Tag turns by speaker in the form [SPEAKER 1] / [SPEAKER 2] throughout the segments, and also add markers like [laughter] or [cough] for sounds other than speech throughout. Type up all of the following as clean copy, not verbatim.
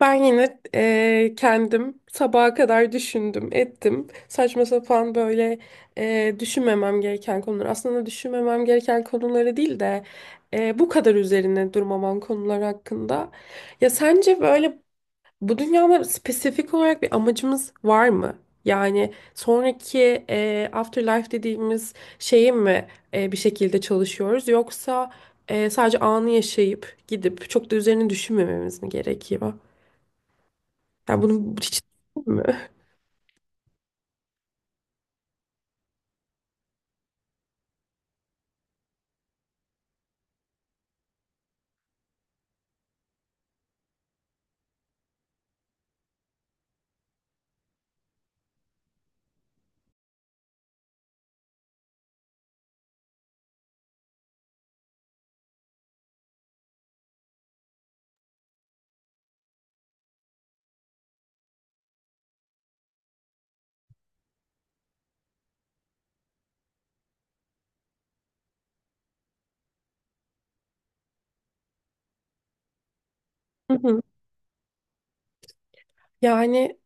[SPEAKER 1] Ben yine kendim sabaha kadar düşündüm, ettim. Saçma sapan böyle düşünmemem gereken konular. Aslında düşünmemem gereken konuları değil de bu kadar üzerine durmamam konular hakkında. Ya sence böyle bu dünyada spesifik olarak bir amacımız var mı? Yani sonraki afterlife dediğimiz şeyi mi bir şekilde çalışıyoruz yoksa sadece anı yaşayıp gidip çok da üzerine düşünmememiz mi gerekiyor? Ya bunu hiç mi? Hı hı. Yani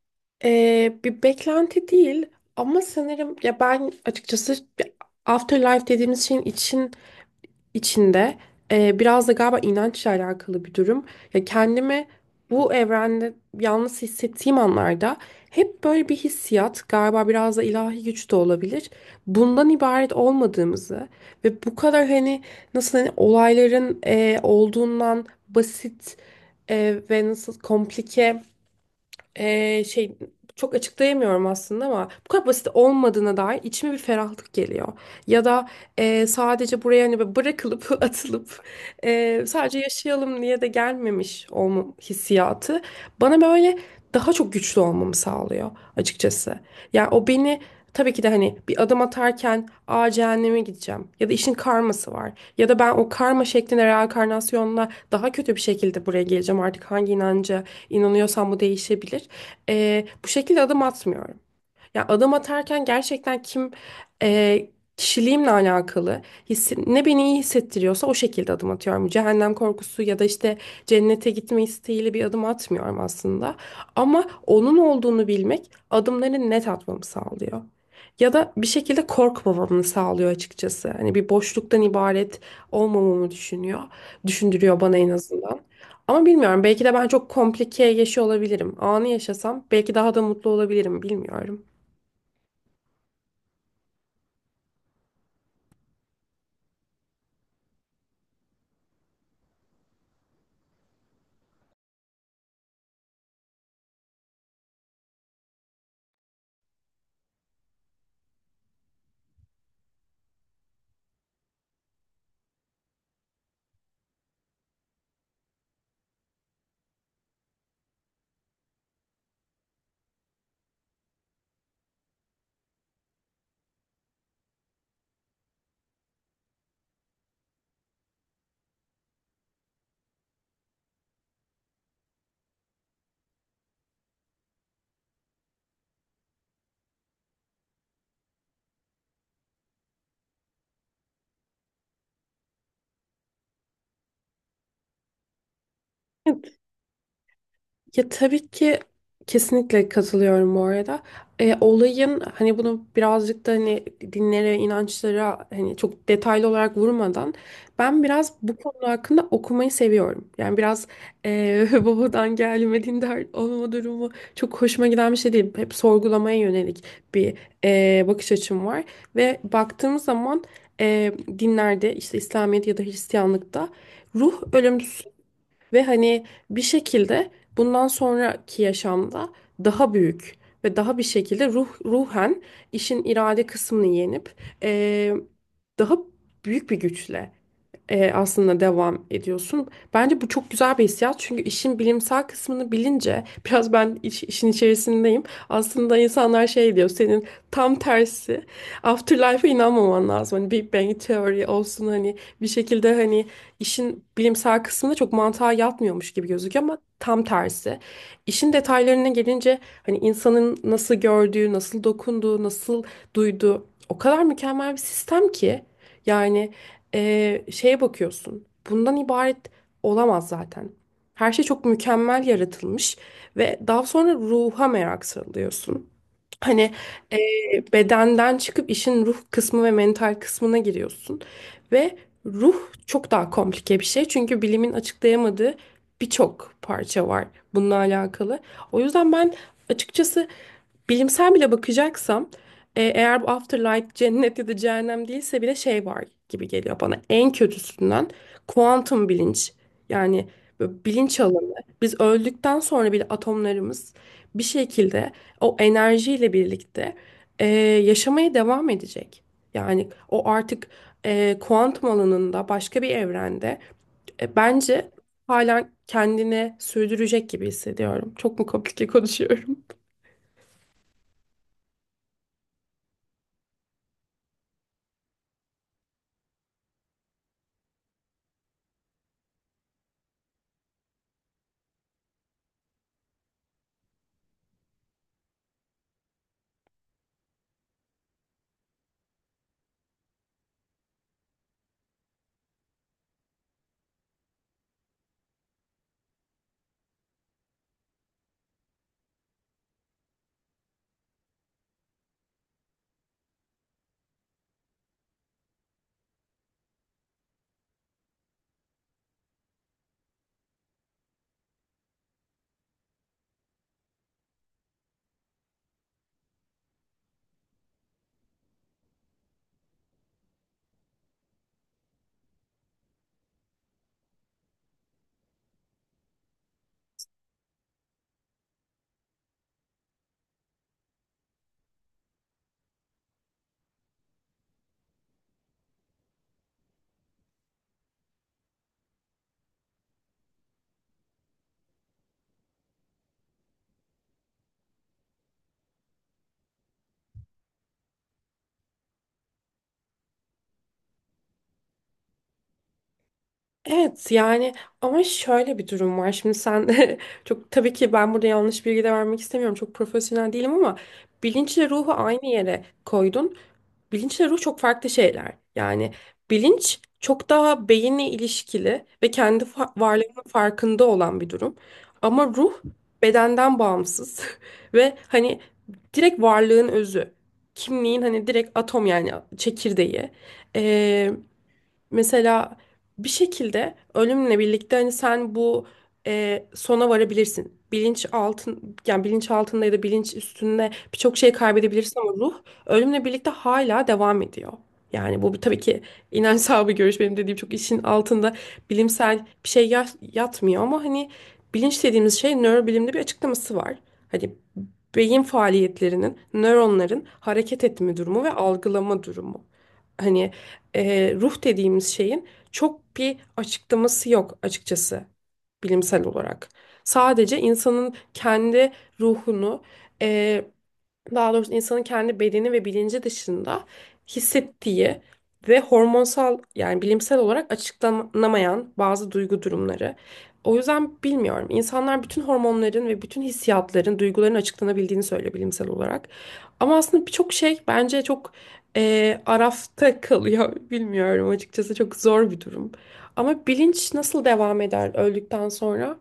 [SPEAKER 1] bir beklenti değil ama sanırım ya ben açıkçası afterlife dediğimiz şeyin içinde biraz da galiba inançla alakalı bir durum. Ya kendimi bu evrende yalnız hissettiğim anlarda hep böyle bir hissiyat galiba biraz da ilahi güç de olabilir. Bundan ibaret olmadığımızı ve bu kadar hani nasıl hani olayların olduğundan basit ve nasıl komplike ee, şey çok açıklayamıyorum aslında ama bu kadar basit olmadığına dair içime bir ferahlık geliyor. Ya da sadece buraya hani böyle bırakılıp [laughs] atılıp sadece yaşayalım diye de gelmemiş olma hissiyatı bana böyle daha çok güçlü olmamı sağlıyor açıkçası. Yani o beni tabii ki de hani bir adım atarken aa cehenneme gideceğim ya da işin karması var ya da ben o karma şeklinde reenkarnasyonla daha kötü bir şekilde buraya geleceğim artık hangi inanca inanıyorsam bu değişebilir, bu şekilde adım atmıyorum. Ya adım atarken gerçekten kim, e, kişiliğimle alakalı ne beni iyi hissettiriyorsa o şekilde adım atıyorum. Cehennem korkusu ya da işte cennete gitme isteğiyle bir adım atmıyorum aslında. Ama onun olduğunu bilmek adımları net atmamı sağlıyor. Ya da bir şekilde korkmamamı sağlıyor açıkçası. Hani bir boşluktan ibaret olmamamı düşünüyor. Düşündürüyor bana en azından. Ama bilmiyorum, belki de ben çok komplike yaşıyor olabilirim. Anı yaşasam belki daha da mutlu olabilirim, bilmiyorum. Evet, ya tabii ki kesinlikle katılıyorum bu arada. E, olayın hani bunu birazcık da hani dinlere, inançlara hani çok detaylı olarak vurmadan ben biraz bu konu hakkında okumayı seviyorum. Yani biraz, [laughs] babadan gelme dindar olma durumu çok hoşuma giden bir şey değil. Hep sorgulamaya yönelik bir, bakış açım var. Ve baktığımız zaman, e, dinlerde işte İslamiyet ya da Hristiyanlıkta ruh ölümsüz. Ve hani bir şekilde bundan sonraki yaşamda daha büyük ve daha bir şekilde ruh, ruhen işin irade kısmını yenip eee, daha büyük bir güçle, aslında devam ediyorsun. Bence bu çok güzel bir hissiyat çünkü işin bilimsel kısmını bilince [laughs] biraz ben işin içerisindeyim. Aslında insanlar şey diyor, senin tam tersi afterlife'a inanmaman lazım. Hani Big Bang teori olsun, hani bir şekilde hani işin bilimsel kısmında çok mantığa yatmıyormuş gibi gözüküyor ama tam tersi. İşin detaylarına gelince hani insanın nasıl gördüğü, nasıl dokunduğu, nasıl duyduğu o kadar mükemmel bir sistem ki, yani, şeye bakıyorsun. Bundan ibaret olamaz zaten. Her şey çok mükemmel yaratılmış ve daha sonra ruha merak sarılıyorsun. Hani, e, bedenden çıkıp işin ruh kısmı ve mental kısmına giriyorsun. Ve ruh çok daha komplike bir şey. Çünkü bilimin açıklayamadığı birçok parça var bununla alakalı. O yüzden ben açıkçası bilimsel bile bakacaksam, eğer bu afterlife cennet ya da cehennem değilse bile şey var gibi geliyor bana. En kötüsünden kuantum bilinç, yani böyle bilinç alanı. Biz öldükten sonra bile atomlarımız bir şekilde o enerjiyle birlikte, e, yaşamaya devam edecek. Yani o artık, kuantum alanında başka bir evrende, bence hala kendini sürdürecek gibi hissediyorum. Çok mu komplike konuşuyorum? Evet yani, ama şöyle bir durum var. Şimdi sen [laughs] çok, tabii ki ben burada yanlış bilgi de vermek istemiyorum. Çok profesyonel değilim ama bilinçle ruhu aynı yere koydun. Bilinçle ruh çok farklı şeyler. Yani bilinç çok daha beyinle ilişkili ve kendi varlığının farkında olan bir durum. Ama ruh bedenden bağımsız [laughs] ve hani direkt varlığın özü. Kimliğin hani direkt atom, yani çekirdeği. Mesela bir şekilde ölümle birlikte hani sen bu, sona varabilirsin. Bilinç altın yani bilinç altında ya da bilinç üstünde birçok şey kaybedebilirsin ama ruh ölümle birlikte hala devam ediyor. Yani tabii ki inanç sahibi görüş benim dediğim, çok işin altında bilimsel bir şey yatmıyor ama hani bilinç dediğimiz şey nörobilimde bir açıklaması var. Hani beyin faaliyetlerinin, nöronların hareket etme durumu ve algılama durumu. Hani, ruh dediğimiz şeyin çok bir açıklaması yok açıkçası bilimsel olarak. Sadece insanın kendi ruhunu, e, daha doğrusu insanın kendi bedeni ve bilinci dışında hissettiği ve hormonsal yani bilimsel olarak açıklanamayan bazı duygu durumları. O yüzden bilmiyorum. İnsanlar bütün hormonların ve bütün hissiyatların, duyguların açıklanabildiğini söylüyor bilimsel olarak. Ama aslında birçok şey bence çok arafta kalıyor. [laughs] Bilmiyorum açıkçası, çok zor bir durum. Ama bilinç nasıl devam eder öldükten sonra?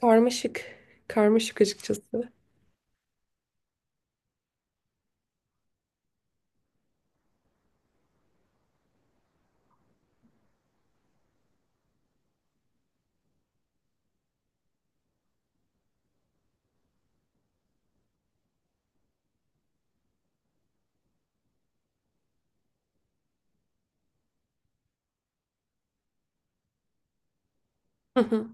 [SPEAKER 1] Karmaşık. Karmaşık açıkçası. Hı hı.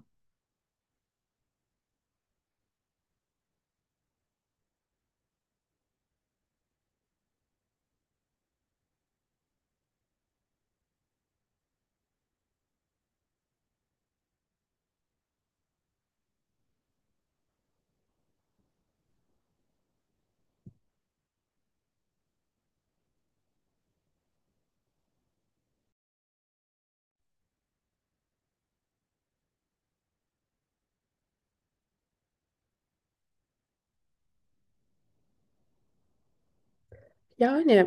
[SPEAKER 1] Yani.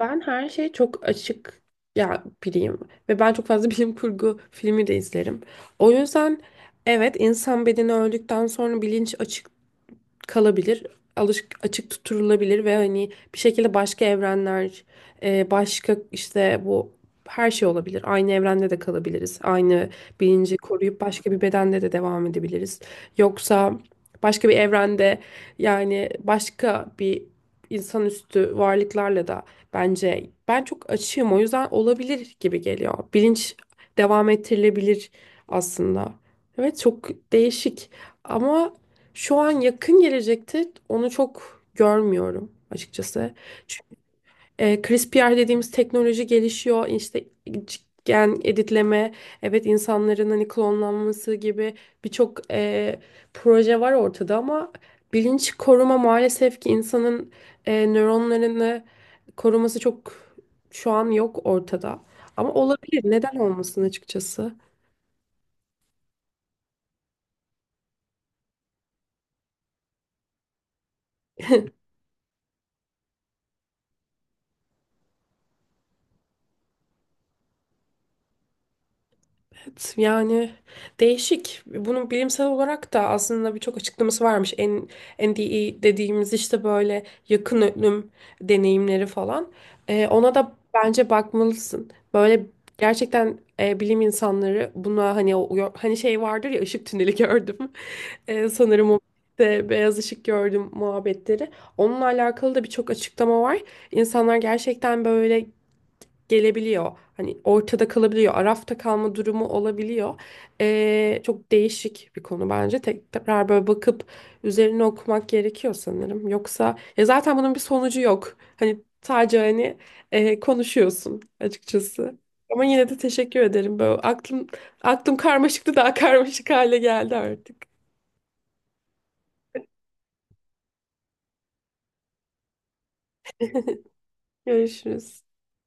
[SPEAKER 1] Ben her şeye çok açık ya biriyim ve ben çok fazla [laughs] bilim kurgu filmi de izlerim. O yüzden evet, insan bedeni öldükten sonra bilinç açık kalabilir. Alış açık tutturulabilir ve hani bir şekilde başka evrenler, başka işte bu her şey olabilir. Aynı evrende de kalabiliriz. Aynı bilinci koruyup başka bir bedende de devam edebiliriz. Yoksa başka bir evrende yani başka bir insanüstü varlıklarla da bence ben çok açığım. O yüzden olabilir gibi geliyor. Bilinç devam ettirilebilir aslında. Evet çok değişik ama şu an yakın gelecekte onu çok görmüyorum açıkçası. Çünkü CRISPR dediğimiz teknoloji gelişiyor. İşte gen editleme, evet insanların hani klonlanması gibi birçok, proje var ortada ama bilinç koruma maalesef ki insanın, nöronlarını koruması çok, şu an yok ortada. Ama olabilir. Neden olmasın açıkçası? Evet, yani değişik. Bunun bilimsel olarak da aslında birçok açıklaması varmış. En, NDE dediğimiz işte böyle yakın ölüm deneyimleri falan. Ona da bence bakmalısın. Böyle gerçekten, bilim insanları buna hani hani şey vardır ya, ışık tüneli gördüm. [laughs] Sanırım o de beyaz ışık gördüm muhabbetleri. Onunla alakalı da birçok açıklama var. İnsanlar gerçekten böyle gelebiliyor. Hani ortada kalabiliyor. Arafta kalma durumu olabiliyor. Çok değişik bir konu bence. Tekrar böyle bakıp üzerine okumak gerekiyor sanırım. Yoksa ya zaten bunun bir sonucu yok. Hani sadece hani, konuşuyorsun açıkçası. Ama yine de teşekkür ederim. Böyle aklım karmaşıktı, daha [laughs] karmaşık hale geldi artık. Görüşürüz.